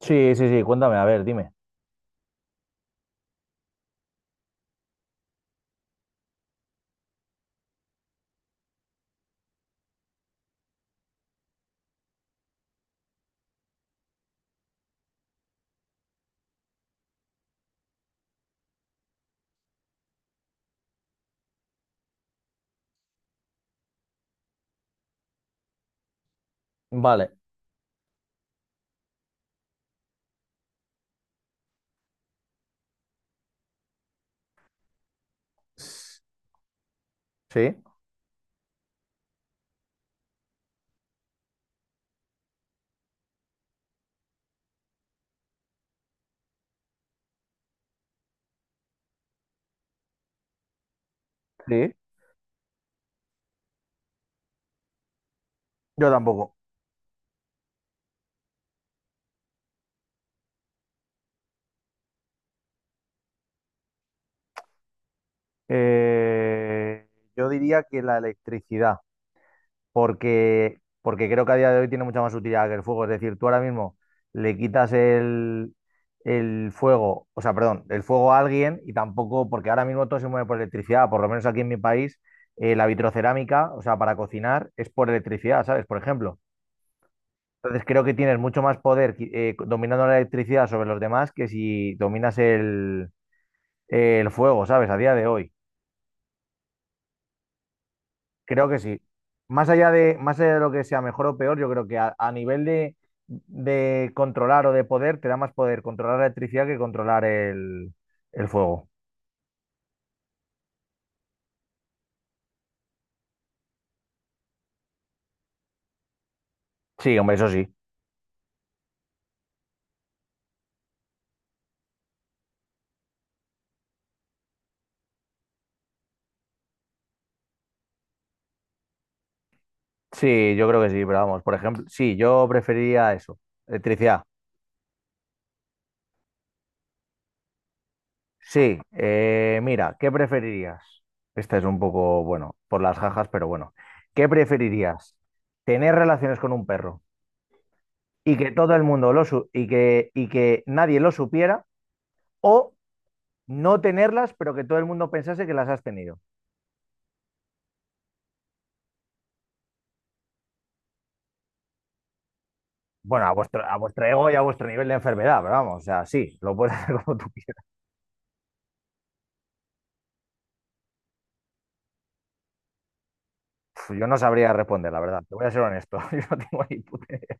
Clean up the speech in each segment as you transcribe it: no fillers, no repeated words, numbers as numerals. Sí, sí, sí, cuéntame, a ver, dime. Vale. Sí. Sí, yo tampoco. Eh, yo diría que la electricidad, porque creo que a día de hoy tiene mucha más utilidad que el fuego. Es decir, tú ahora mismo le quitas el, el fuego, o sea, perdón, el fuego a alguien y tampoco, porque ahora mismo todo se mueve por electricidad, por lo menos aquí en mi país. La vitrocerámica, o sea, para cocinar es por electricidad, ¿sabes? Por ejemplo. Entonces creo que tienes mucho más poder dominando la electricidad sobre los demás que si dominas el fuego, ¿sabes? A día de hoy. Creo que sí. Más allá de lo que sea mejor o peor, yo creo que a nivel de controlar o de poder, te da más poder controlar la electricidad que controlar el fuego. Sí, hombre, eso sí. Sí, yo creo que sí, pero vamos, por ejemplo, sí, yo preferiría eso, electricidad. Sí, mira, ¿qué preferirías? Esta es un poco, bueno, por las jajas, pero bueno. ¿Qué preferirías? ¿Tener relaciones con un perro y que todo el mundo lo su- y que nadie lo supiera, o no tenerlas, pero que todo el mundo pensase que las has tenido? Bueno, a vuestro ego y a vuestro nivel de enfermedad, pero vamos, o sea, sí, lo puedes hacer como tú quieras. Uf, yo no sabría responder, la verdad, te voy a ser honesto, yo no tengo ni puta idea.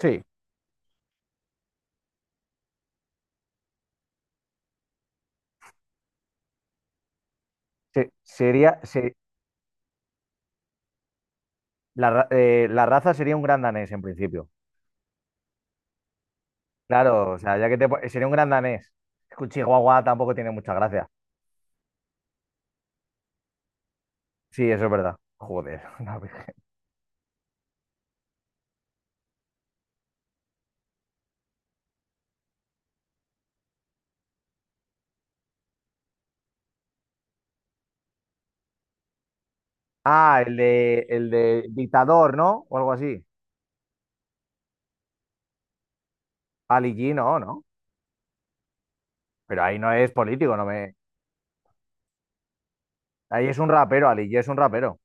Sí, sí, sería, la raza sería un gran danés en principio. Claro, o sea, ya que te... sería un gran danés. Es que un chihuahua tampoco tiene mucha gracia. Sí, eso es verdad. Joder. la Virgen. Ah, el de dictador, ¿no? O algo así. Ali G, no, ¿no? Pero ahí no es político, no me... Ahí es un rapero, Ali G es un rapero.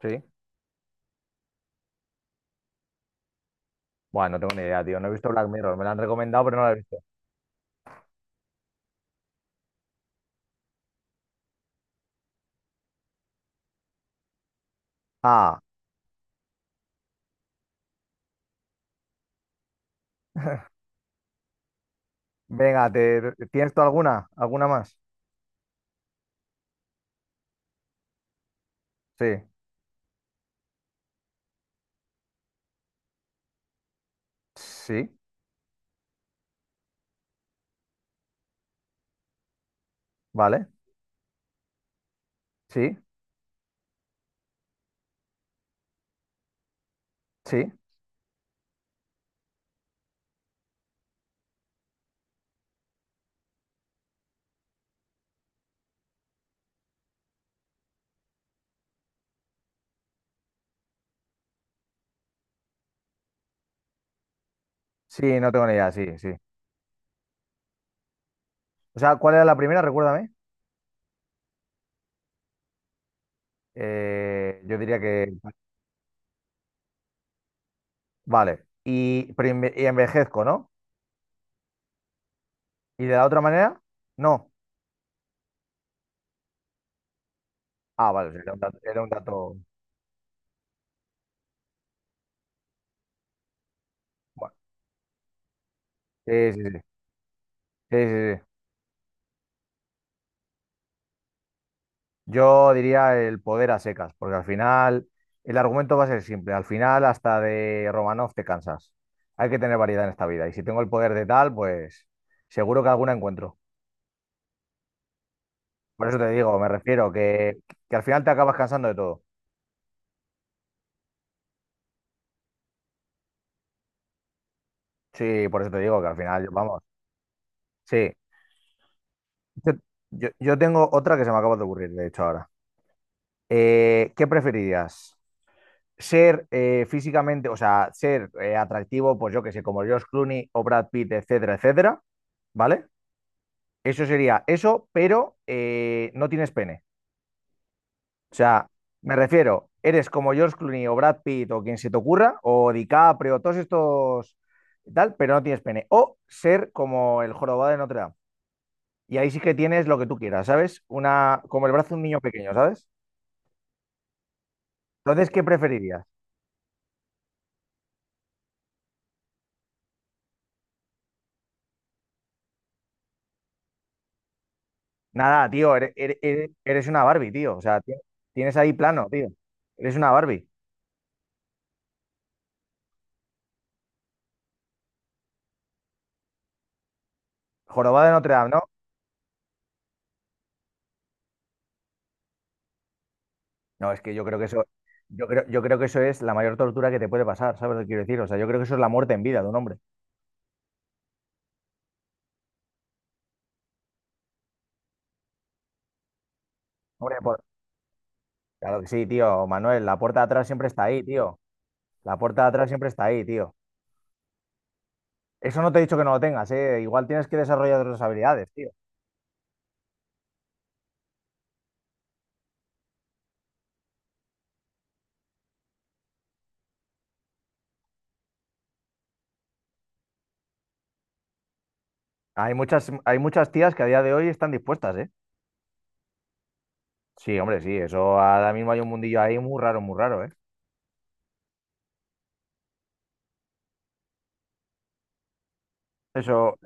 Sí. Bueno, no tengo ni idea, tío. No he visto Black Mirror. Me lo han recomendado, pero no lo he visto. Ah, venga, te... ¿Tienes tú alguna? ¿Alguna más? Sí. Sí. Vale. Sí. Sí. Sí, no tengo ni idea. Sí, sí. O sea, ¿cuál era la primera? Recuérdame. Yo diría que, vale, pero y envejezco, ¿no? ¿Y de la otra manera? No. Ah, vale, o sea, bueno, sí, sí, sí, sí, sí, sí. Yo diría el poder a secas, porque al final el argumento va a ser simple. Al final hasta de Romanov te cansas. Hay que tener variedad en esta vida. Y si tengo el poder de tal, pues seguro que alguna encuentro. Por eso te digo, me refiero que al final te acabas cansando de todo. Sí, por eso te digo que al final, vamos. Sí, Yo, yo tengo otra que se me acaba de ocurrir, de hecho, ahora. ¿Qué preferirías? ¿Ser físicamente, o sea, ser atractivo, pues yo que sé, como George Clooney o Brad Pitt, etcétera, etcétera? ¿Vale? Eso sería eso, pero no tienes pene. O sea, me refiero, eres como George Clooney o Brad Pitt o quien se te ocurra, o DiCaprio, todos estos y tal, pero no tienes pene. O ser como el jorobado de Notre Dame. Y ahí sí que tienes lo que tú quieras, ¿sabes? Una, como el brazo de un niño pequeño, ¿sabes? Entonces, ¿qué preferirías? Nada, tío, eres una Barbie, tío. O sea, tienes ahí plano, tío. Eres una Barbie. ¿Jorobado de Notre Dame, no? No, es que yo creo que eso, yo creo que eso es la mayor tortura que te puede pasar, ¿sabes lo que quiero decir? O sea, yo creo que eso es la muerte en vida de un hombre. Hombre, claro que sí, tío, Manuel, la puerta de atrás siempre está ahí, tío. La puerta de atrás siempre está ahí, tío. Eso no te he dicho que no lo tengas, ¿eh? Igual tienes que desarrollar otras habilidades, tío. Hay muchas tías que a día de hoy están dispuestas, ¿eh? Sí, hombre, sí, eso ahora mismo hay un mundillo ahí muy raro, ¿eh? Eso,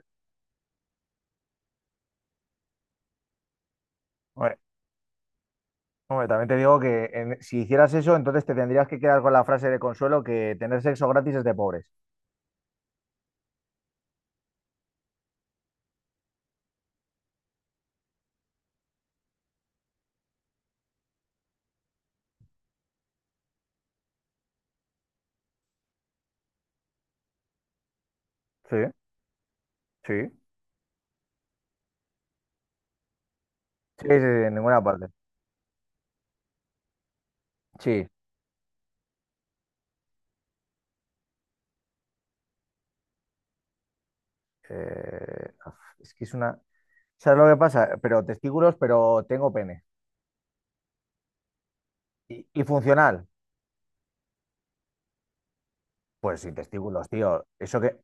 hombre, hombre, también te digo que si hicieras eso, entonces te tendrías que quedar con la frase de consuelo que tener sexo gratis es de pobres. Sí, sí. Sí, sí, sí, en ninguna parte. Sí. Eh, es que es una... ¿Sabes lo que pasa? Pero testículos, pero tengo pene. Y funcional? Pues sin testículos, tío.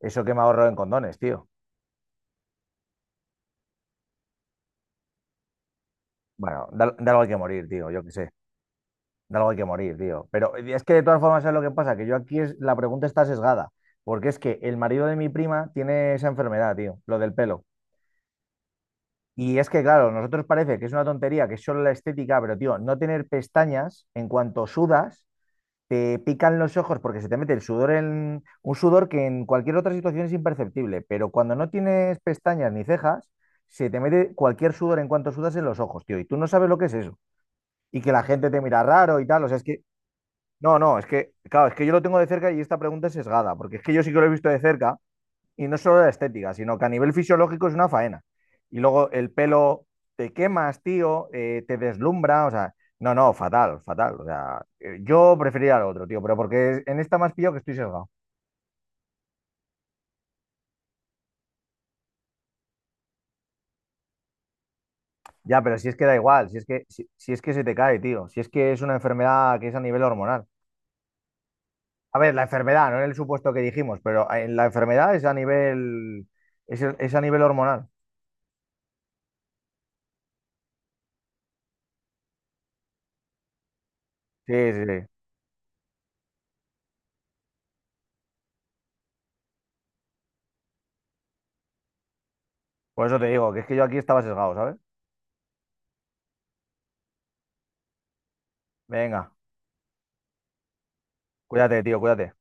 Eso que me ahorro en condones, tío. Bueno, da, algo hay que morir, tío. Yo qué sé. De algo hay que morir, tío. Pero es que de todas formas, ¿sabes lo que pasa? Que yo aquí es, la pregunta está sesgada, porque es que el marido de mi prima tiene esa enfermedad, tío, lo del pelo. Y es que, claro, nosotros parece que es una tontería, que es solo la estética, pero, tío, no tener pestañas en cuanto sudas, te pican los ojos porque se te mete el sudor en un sudor que en cualquier otra situación es imperceptible, pero cuando no tienes pestañas ni cejas, se te mete cualquier sudor en cuanto sudas en los ojos, tío, y tú no sabes lo que es eso. Y que la gente te mira raro y tal, o sea, es que no, no, es que, claro, es que yo lo tengo de cerca y esta pregunta es sesgada, porque es que yo sí que lo he visto de cerca, y no solo la estética, sino que a nivel fisiológico es una faena. Y luego el pelo te quemas, tío, te deslumbra, o sea, no, no, fatal, fatal. O sea, yo preferiría lo otro, tío, pero porque en esta más pillo que estoy sesgado. Ya, pero si es que da igual, si es que, si es que se te cae, tío, si es que es una enfermedad que es a nivel hormonal. A ver, la enfermedad, no en el supuesto que dijimos, pero en la enfermedad es a nivel, es a nivel hormonal. Sí, sí, sí. Por eso te digo, que es que yo aquí estaba sesgado, ¿sabes? Venga, cuídate, tío, cuídate.